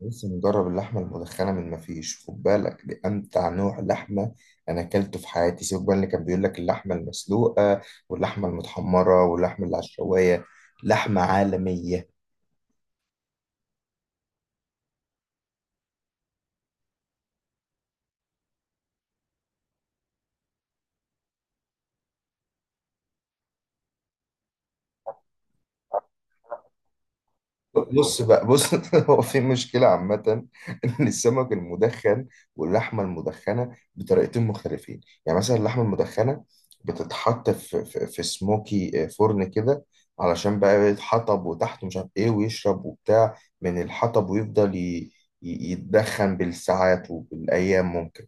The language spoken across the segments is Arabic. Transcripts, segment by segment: لسه مجرب اللحمة المدخنة من مفيش، خد بالك دي أمتع نوع لحمة أنا أكلته في حياتي. سيبك بقى اللي كان بيقول لك اللحمة المسلوقة واللحمة المتحمرة واللحمة اللي على الشواية. لحمة عالمية. بص بقى بص هو في مشكلة عامة إن السمك المدخن واللحمة المدخنة بطريقتين مختلفين. يعني مثلا اللحمة المدخنة بتتحط في سموكي فرن كده، علشان بقى يتحطب وتحته مش عارف إيه ويشرب وبتاع من الحطب، ويفضل يتدخن بالساعات وبالأيام ممكن.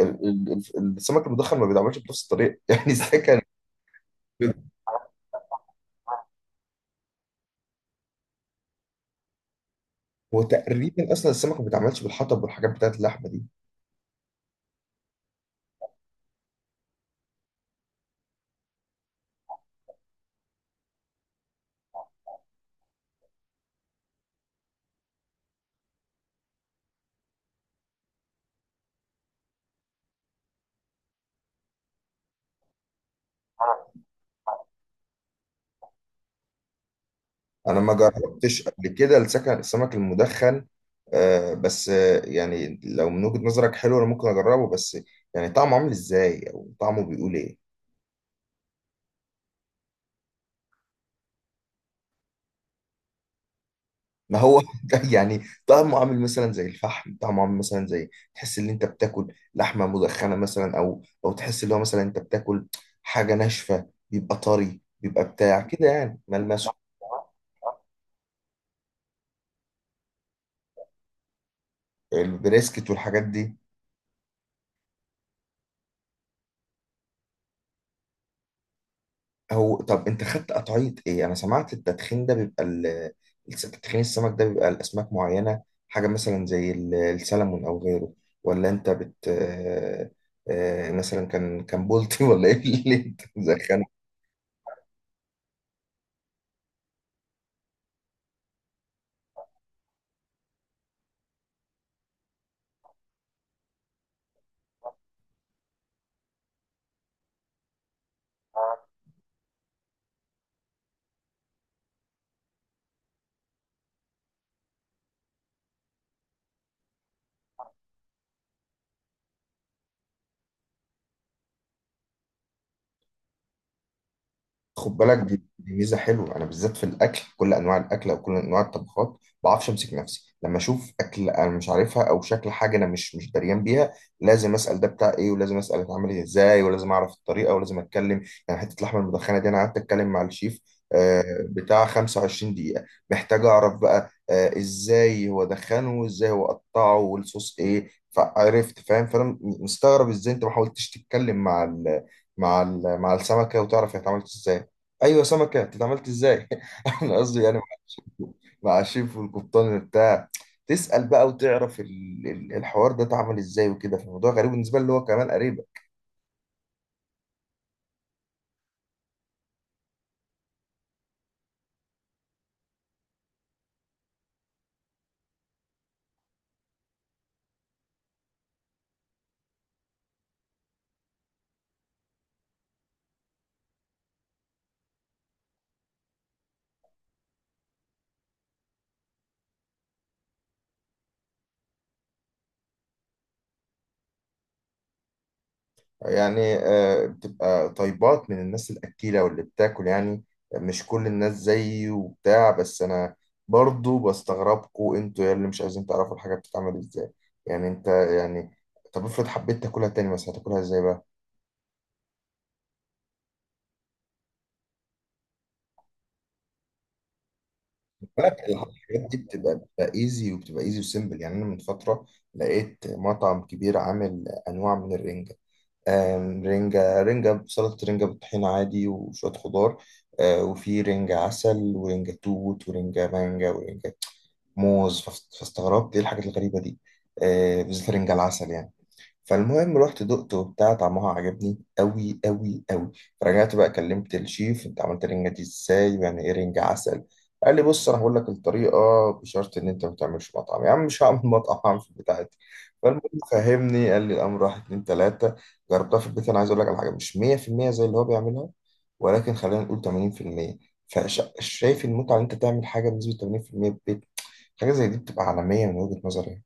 السمك المدخن ما بيتعملش بنفس الطريقة يعني وتقريبا أصلا السمك ما بيتعملش بالحطب والحاجات بتاعت اللحمة دي. انا ما جربتش قبل كده السمك المدخن. بس يعني لو من وجهة نظرك حلو انا ممكن اجربه. بس يعني طعمه عامل ازاي او طعمه بيقول ايه؟ ما هو يعني طعمه عامل مثلا زي الفحم، طعمه عامل مثلا زي تحس ان انت بتاكل لحمة مدخنة مثلا، او تحس ان هو مثلا انت بتاكل حاجة ناشفة، بيبقى طري، بيبقى بتاع كده يعني ملمسه. البريسكت والحاجات دي. هو طب انت خدت قطعية ايه؟ انا سمعت التدخين ده بيبقى تدخين السمك ده بيبقى الاسماك معينة، حاجة مثلا زي السلمون او غيره. ولا انت بت آه، آه، مثلا كان بولتي ولا ايه اللي انت؟ خد بالك دي ميزه حلوه، انا بالذات في الاكل، كل انواع الاكل او كل انواع الطبخات، ما بعرفش امسك نفسي لما اشوف اكل انا مش عارفها او شكل حاجه انا مش دريان بيها. لازم اسال ده بتاع ايه، ولازم اسال اتعمل ازاي، ولازم اعرف الطريقه، ولازم اتكلم. يعني حته اللحمه المدخنه دي انا قعدت اتكلم مع الشيف آه، بتاع 25 دقيقه، محتاج اعرف بقى ازاي هو دخنه وازاي هو قطعه والصوص ايه، فعرفت فاهم. فانا مستغرب ازاي انت ما حاولتش تتكلم مع ال مع ال مع السمكه وتعرف هي اتعملت ازاي. ايوه سمكه، انت اتعاملت ازاي انا قصدي يعني مع الشيف والقبطان بتاع، تسال بقى وتعرف الحوار ده اتعمل ازاي وكده. فالموضوع غريب بالنسبه لي، اللي هو كمان قريبه. يعني بتبقى طيبات من الناس الاكيله واللي بتاكل يعني. مش كل الناس زيي وبتاع. بس انا برضو بستغربكوا انتوا يا اللي مش عايزين تعرفوا الحاجه بتتعمل ازاي. يعني انت يعني، طب افرض حبيت تاكلها تاني مثلا، هتاكلها ازاي بقى؟ بالك الحاجات دي بتبقى ايزي وبتبقى ايزي وسيمبل. يعني انا من فتره لقيت مطعم كبير عامل انواع من الرنجه، رنجه، رنجه سلطه، رنجه بالطحين عادي وشويه خضار، وفي رنجه عسل ورنجه توت ورنجه مانجا ورنجه موز، فاستغربت ايه الحاجات الغريبه دي، بالذات رنجه العسل يعني. فالمهم رحت دقته وبتاع، طعمها عجبني قوي قوي قوي. فرجعت بقى كلمت الشيف، انت عملت الرنجة دي ازاي؟ يعني ايه رنجة عسل؟ قال لي بص انا هقول لك الطريقة بشرط ان انت ما تعملش مطعم. يا عم مش هعمل مطعم، هعمل في بتاعتي. فالمهم فهمني، قال لي الامر واحد اتنين تلاتة. جربتها في البيت. انا عايز اقول لك على حاجة، مش 100% زي اللي هو بيعملها، ولكن خلينا نقول 80%. فشايف المتعة ان انت تعمل حاجة بنسبة 80% في المية في البيت؟ حاجة زي دي بتبقى عالمية من وجهة نظري.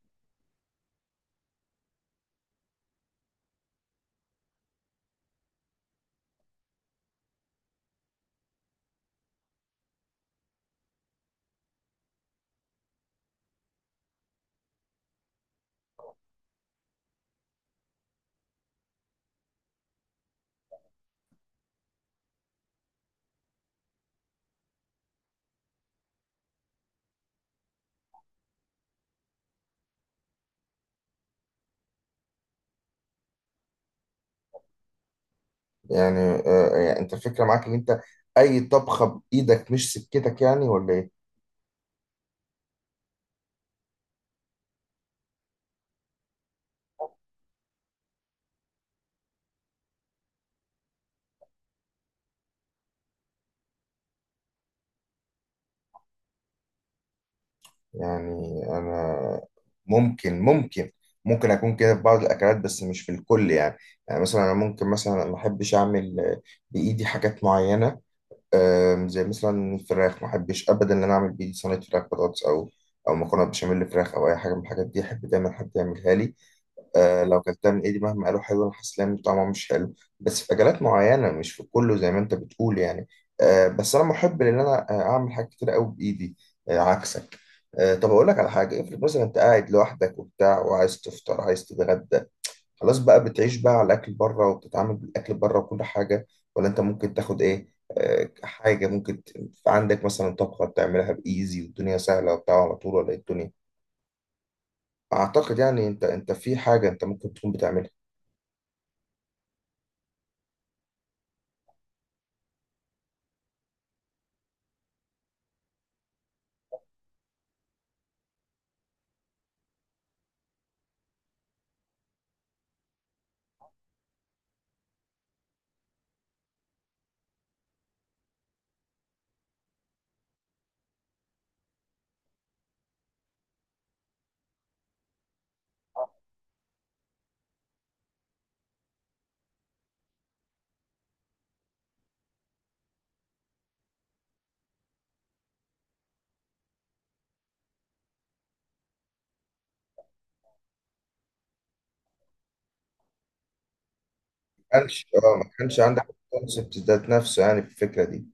يعني يعني انت الفكره معاك ان انت اي طبخه بايدك مش سكتك، يعني ولا ايه؟ يعني انا ممكن، ممكن اكون كده في بعض الاكلات بس مش في الكل يعني. يعني مثلا انا ممكن مثلا ما احبش اعمل بايدي حاجات معينه، زي مثلا الفراخ ما احبش ابدا ان انا اعمل بايدي صينيه فراخ بطاطس او مكرونه بشاميل فراخ او اي حاجه من الحاجات دي. احب دايما حد يعملها لي. آه، لو كلتها من ايدي مهما قالوا حلو انا حاسس ان طعمها مش حلو. بس في اكلات معينه مش في كله زي ما انت بتقول يعني. بس انا محب ان انا اعمل حاجات كتير قوي بايدي. آه عكسك. طب اقول لك على حاجه، افرض مثلا انت قاعد لوحدك وبتاع وعايز تفطر، عايز تتغدى، خلاص بقى بتعيش بقى على الاكل بره وبتتعامل بالاكل بره وكل حاجه؟ ولا انت ممكن تاخد ايه؟ حاجه ممكن عندك مثلا طبخه بتعملها بايزي والدنيا سهله وبتاع على طول؟ ولا إيه الدنيا؟ اعتقد يعني انت في حاجه انت ممكن تكون بتعملها. كانش اه ما كانش عندك الكونسبت ذات نفسه يعني في الفكره دي.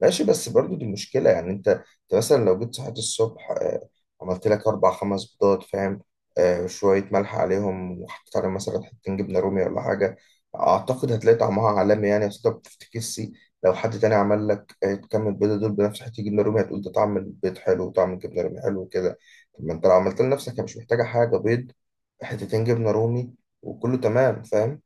ماشي، بس برضو دي مشكله. يعني انت مثلا لو جيت صحيت الصبح عملت لك اربع خمس بيضات فاهم، شويه ملح عليهم وحطيت عليهم مثلا حتتين جبنه رومي ولا حاجه، اعتقد هتلاقي طعمها عالمي يعني. اصل انت ما بتفتكسش لو حد تاني عمل لك كم البيضه دول بنفس حته جبنه رومي هتقول ده طعم البيض حلو وطعم الجبنه رومي حلو وكده. طب ما انت لو عملت لنفسك، هي مش محتاجه حاجه، بيض، حتتين جبنه رومي، وكله تمام فاهم.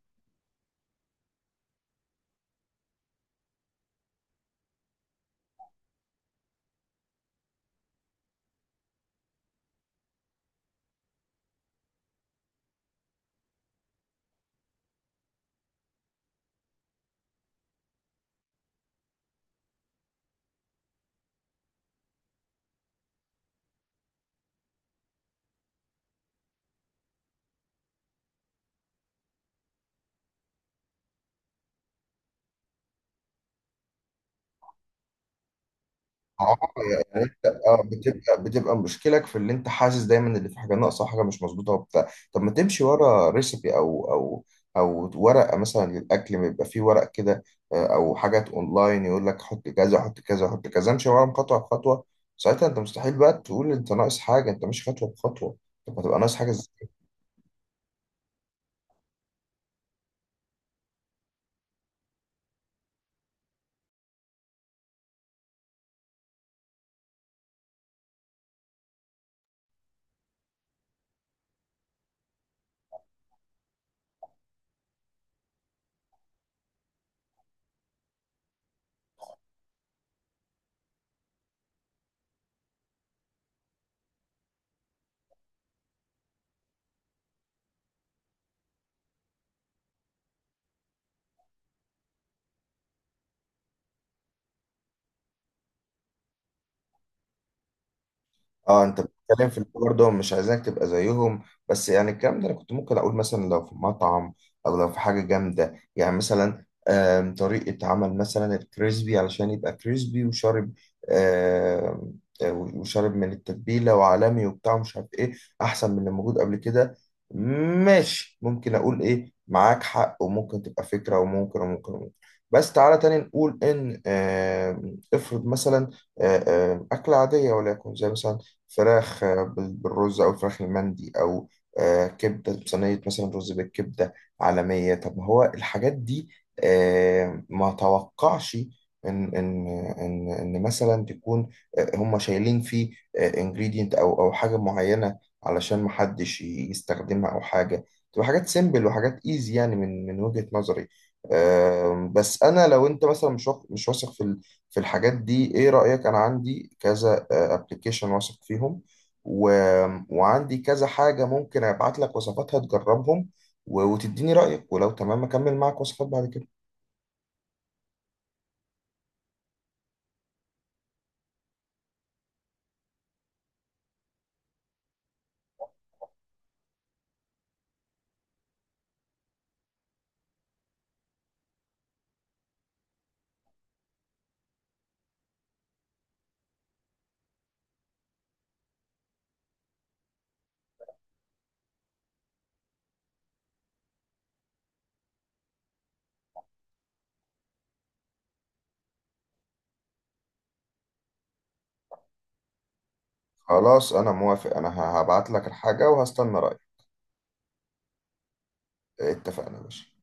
اه يعني انت بتبقى مشكلك في اللي انت حاسس دايما اللي في حاجه ناقصه، حاجه مش مظبوطه وبتاع. طب ما تمشي ورا ريسبي او ورقه مثلا للاكل، ما يبقى فيه ورق كده، او حاجات اونلاين يقول لك حط كذا حط كذا حط كذا، امشي وراهم خطوه بخطوه. ساعتها انت مستحيل بقى تقول انت ناقص حاجه، انت مش خطوه بخطوه. طب ما تبقى ناقص حاجه ازاي؟ اه، انت بتتكلم في اللي برضه مش عايزينك تبقى زيهم. بس يعني الكلام ده انا كنت ممكن اقول مثلا لو في مطعم او لو في حاجه جامده، يعني مثلا طريقه عمل مثلا الكريسبي علشان يبقى كريسبي وشارب، آم، آه، وشارب من التتبيله وعالمي وبتاع مش عارف ايه، احسن من اللي موجود قبل كده. ماشي، ممكن اقول ايه، معاك حق، وممكن تبقى فكره، وممكن وممكن وممكن. بس تعالى تاني نقول ان افرض مثلا آه، أكلة عادية وليكن زي مثلا فراخ بالرز او فراخ المندي او كبده بصينيه مثلا، رز بالكبده، عالميه. طب ما هو الحاجات دي ما توقعش ان ان ان مثلا تكون هم شايلين فيه انجريدينت او حاجه معينه علشان ما حدش يستخدمها او حاجه، تبقى حاجات سيمبل وحاجات ايزي يعني من وجهه نظري. بس انا لو انت مثلا مش واثق في الحاجات دي، ايه رأيك؟ انا عندي كذا ابلكيشن واثق فيهم، و... وعندي كذا حاجة ممكن ابعت لك وصفاتها تجربهم، وتديني رأيك، ولو تمام اكمل معاك وصفات بعد كده. خلاص انا موافق، انا هبعت لك الحاجة وهستنى رأيك. اتفقنا يا باشا.